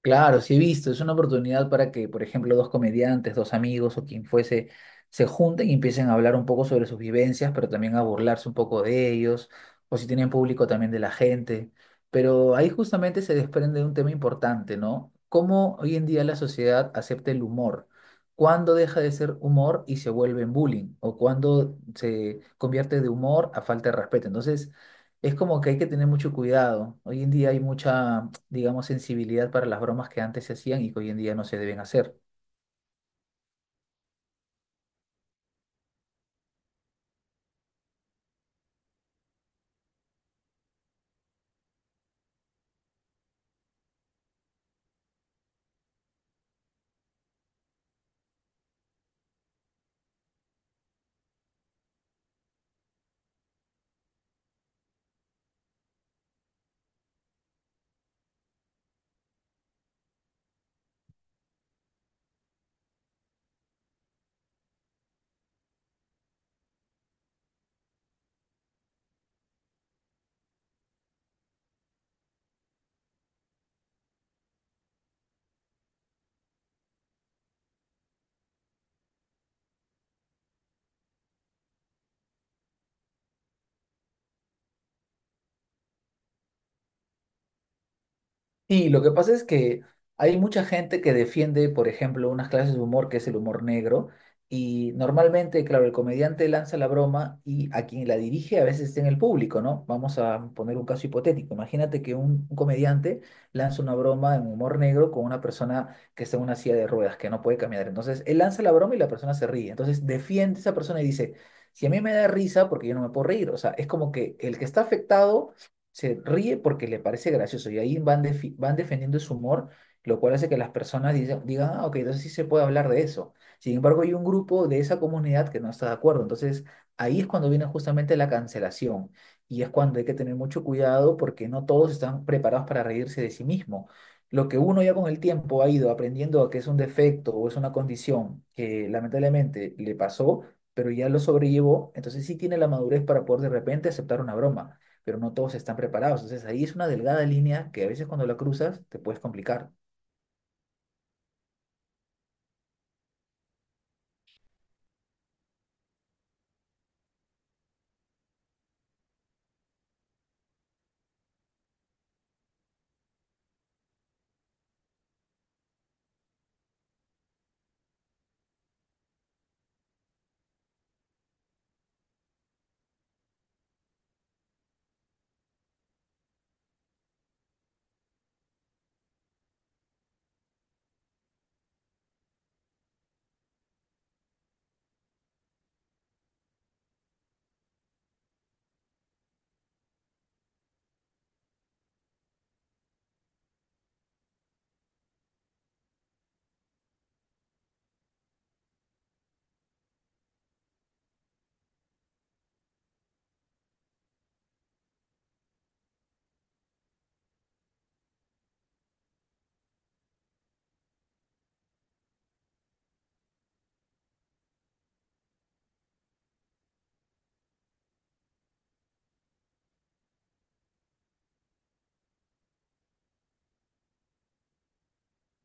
Claro, sí he visto, es una oportunidad para que, por ejemplo, dos comediantes, dos amigos o quien fuese, se junten y empiecen a hablar un poco sobre sus vivencias, pero también a burlarse un poco de ellos, o si tienen público también de la gente. Pero ahí justamente se desprende un tema importante, ¿no? ¿Cómo hoy en día la sociedad acepta el humor? ¿Cuándo deja de ser humor y se vuelve en bullying? ¿O cuándo se convierte de humor a falta de respeto? Entonces, es como que hay que tener mucho cuidado. Hoy en día hay mucha, digamos, sensibilidad para las bromas que antes se hacían y que hoy en día no se deben hacer. Sí, lo que pasa es que hay mucha gente que defiende, por ejemplo, unas clases de humor que es el humor negro, y normalmente, claro, el comediante lanza la broma y a quien la dirige a veces está en el público, ¿no? Vamos a poner un caso hipotético. Imagínate que un comediante lanza una broma en humor negro con una persona que está en una silla de ruedas, que no puede caminar. Entonces, él lanza la broma y la persona se ríe. Entonces, defiende a esa persona y dice, si a mí me da risa, porque yo no me puedo reír. O sea, es como que el que está afectado se ríe porque le parece gracioso y ahí van, van defendiendo su humor, lo cual hace que las personas digan, ah, ok, entonces sí se puede hablar de eso. Sin embargo, hay un grupo de esa comunidad que no está de acuerdo. Entonces, ahí es cuando viene justamente la cancelación y es cuando hay que tener mucho cuidado porque no todos están preparados para reírse de sí mismo. Lo que uno ya con el tiempo ha ido aprendiendo que es un defecto o es una condición que lamentablemente le pasó, pero ya lo sobrellevó, entonces sí tiene la madurez para poder de repente aceptar una broma, pero no todos están preparados. Entonces ahí es una delgada línea que a veces cuando la cruzas te puedes complicar.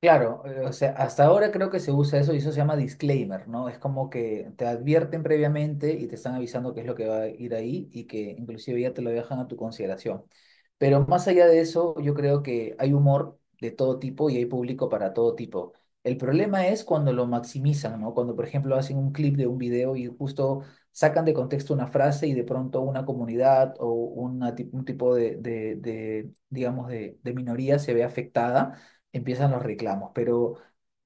Claro, o sea, hasta ahora creo que se usa eso y eso se llama disclaimer, ¿no? Es como que te advierten previamente y te están avisando qué es lo que va a ir ahí y que inclusive ya te lo dejan a tu consideración. Pero más allá de eso, yo creo que hay humor de todo tipo y hay público para todo tipo. El problema es cuando lo maximizan, ¿no? Cuando, por ejemplo, hacen un clip de un video y justo sacan de contexto una frase y de pronto una comunidad o un tipo de, digamos, de minoría se ve afectada, empiezan los reclamos. Pero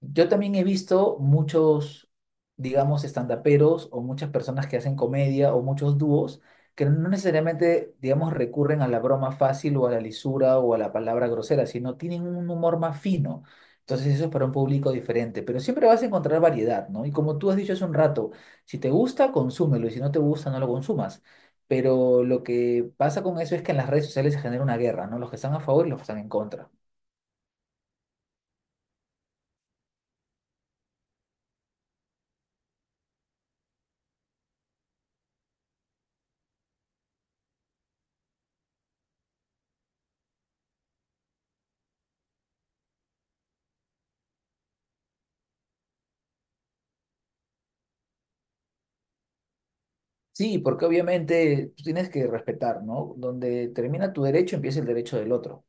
yo también he visto muchos, digamos, estandaperos o muchas personas que hacen comedia o muchos dúos que no necesariamente, digamos, recurren a la broma fácil o a la lisura o a la palabra grosera, sino tienen un humor más fino. Entonces eso es para un público diferente, pero siempre vas a encontrar variedad, ¿no? Y como tú has dicho hace un rato, si te gusta, consúmelo y si no te gusta, no lo consumas. Pero lo que pasa con eso es que en las redes sociales se genera una guerra, ¿no? Los que están a favor y los que están en contra. Sí, porque obviamente tú tienes que respetar, ¿no? Donde termina tu derecho, empieza el derecho del otro.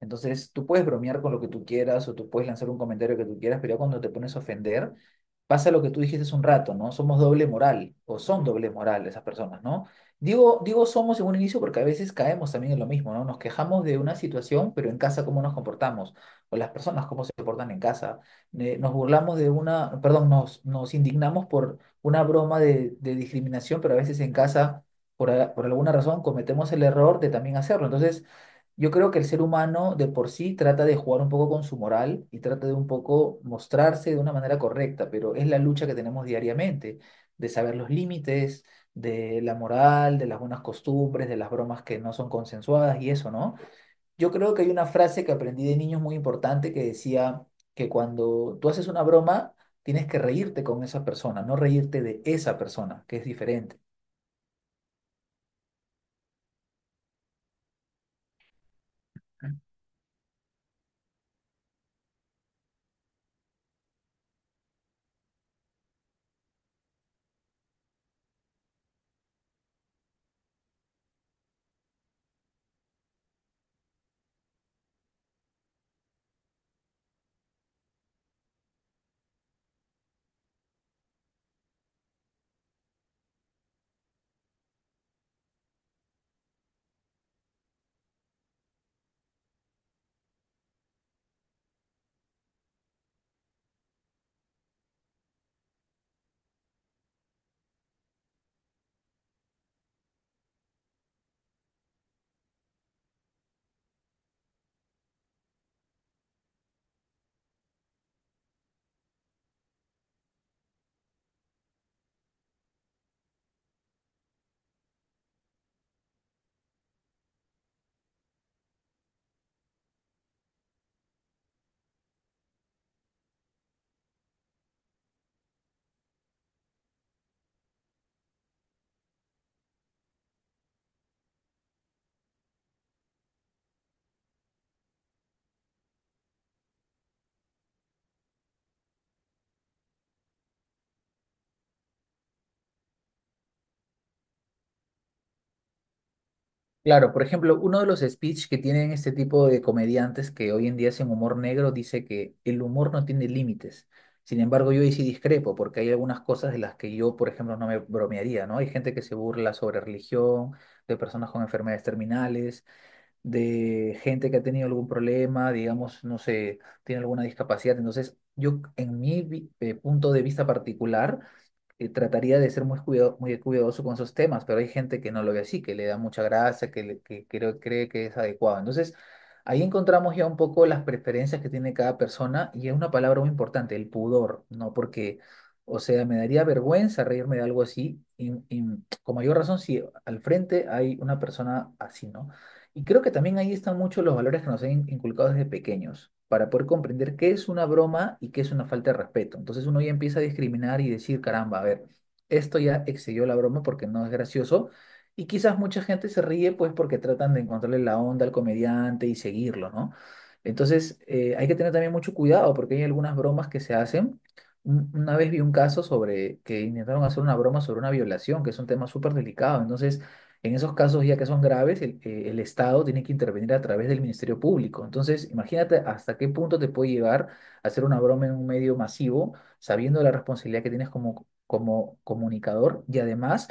Entonces, tú puedes bromear con lo que tú quieras o tú puedes lanzar un comentario que tú quieras, pero ya cuando te pones a ofender, pasa lo que tú dijiste hace un rato, ¿no? Somos doble moral o son doble moral esas personas, ¿no? Digo, digo somos en un inicio porque a veces caemos también en lo mismo, ¿no? Nos quejamos de una situación, pero en casa cómo nos comportamos o las personas cómo se comportan en casa. Nos burlamos de una, perdón, nos indignamos por una broma de discriminación, pero a veces en casa, por alguna razón, cometemos el error de también hacerlo. Entonces, yo creo que el ser humano de por sí trata de jugar un poco con su moral y trata de un poco mostrarse de una manera correcta, pero es la lucha que tenemos diariamente, de saber los límites, de la moral, de las buenas costumbres, de las bromas que no son consensuadas y eso, ¿no? Yo creo que hay una frase que aprendí de niños muy importante que decía que cuando tú haces una broma, tienes que reírte con esa persona, no reírte de esa persona, que es diferente. Claro, por ejemplo, uno de los speech que tienen este tipo de comediantes que hoy en día hacen humor negro dice que el humor no tiene límites. Sin embargo, yo ahí sí discrepo, porque hay algunas cosas de las que yo, por ejemplo, no me bromearía, ¿no? Hay gente que se burla sobre religión, de personas con enfermedades terminales, de gente que ha tenido algún problema, digamos, no sé, tiene alguna discapacidad. Entonces, yo, en mi punto de vista particular, trataría de ser muy cuidado, muy cuidadoso con esos temas, pero hay gente que no lo ve así, que le da mucha grasa, que cree que es adecuado. Entonces, ahí encontramos ya un poco las preferencias que tiene cada persona y es una palabra muy importante, el pudor, ¿no? Porque, o sea, me daría vergüenza reírme de algo así y con mayor razón si al frente hay una persona así, ¿no? Y creo que también ahí están muchos los valores que nos han inculcado desde pequeños, para poder comprender qué es una broma y qué es una falta de respeto. Entonces uno ya empieza a discriminar y decir, caramba, a ver, esto ya excedió la broma porque no es gracioso. Y quizás mucha gente se ríe pues porque tratan de encontrarle la onda al comediante y seguirlo, ¿no? Entonces hay que tener también mucho cuidado porque hay algunas bromas que se hacen. Una vez vi un caso sobre que intentaron hacer una broma sobre una violación, que es un tema súper delicado. Entonces, en esos casos, ya que son graves, el Estado tiene que intervenir a través del Ministerio Público. Entonces, imagínate hasta qué punto te puede llevar a hacer una broma en un medio masivo, sabiendo la responsabilidad que tienes como comunicador y además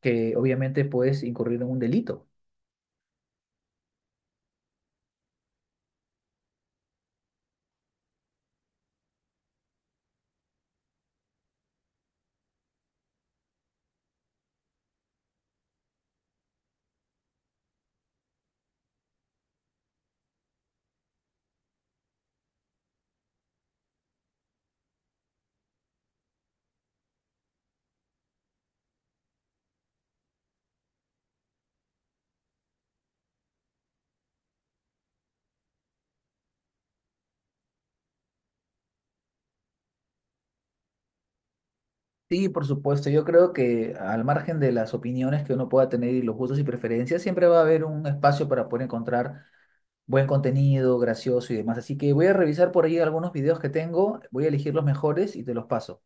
que obviamente puedes incurrir en un delito. Sí, por supuesto. Yo creo que al margen de las opiniones que uno pueda tener y los gustos y preferencias, siempre va a haber un espacio para poder encontrar buen contenido, gracioso y demás. Así que voy a revisar por ahí algunos videos que tengo, voy a elegir los mejores y te los paso.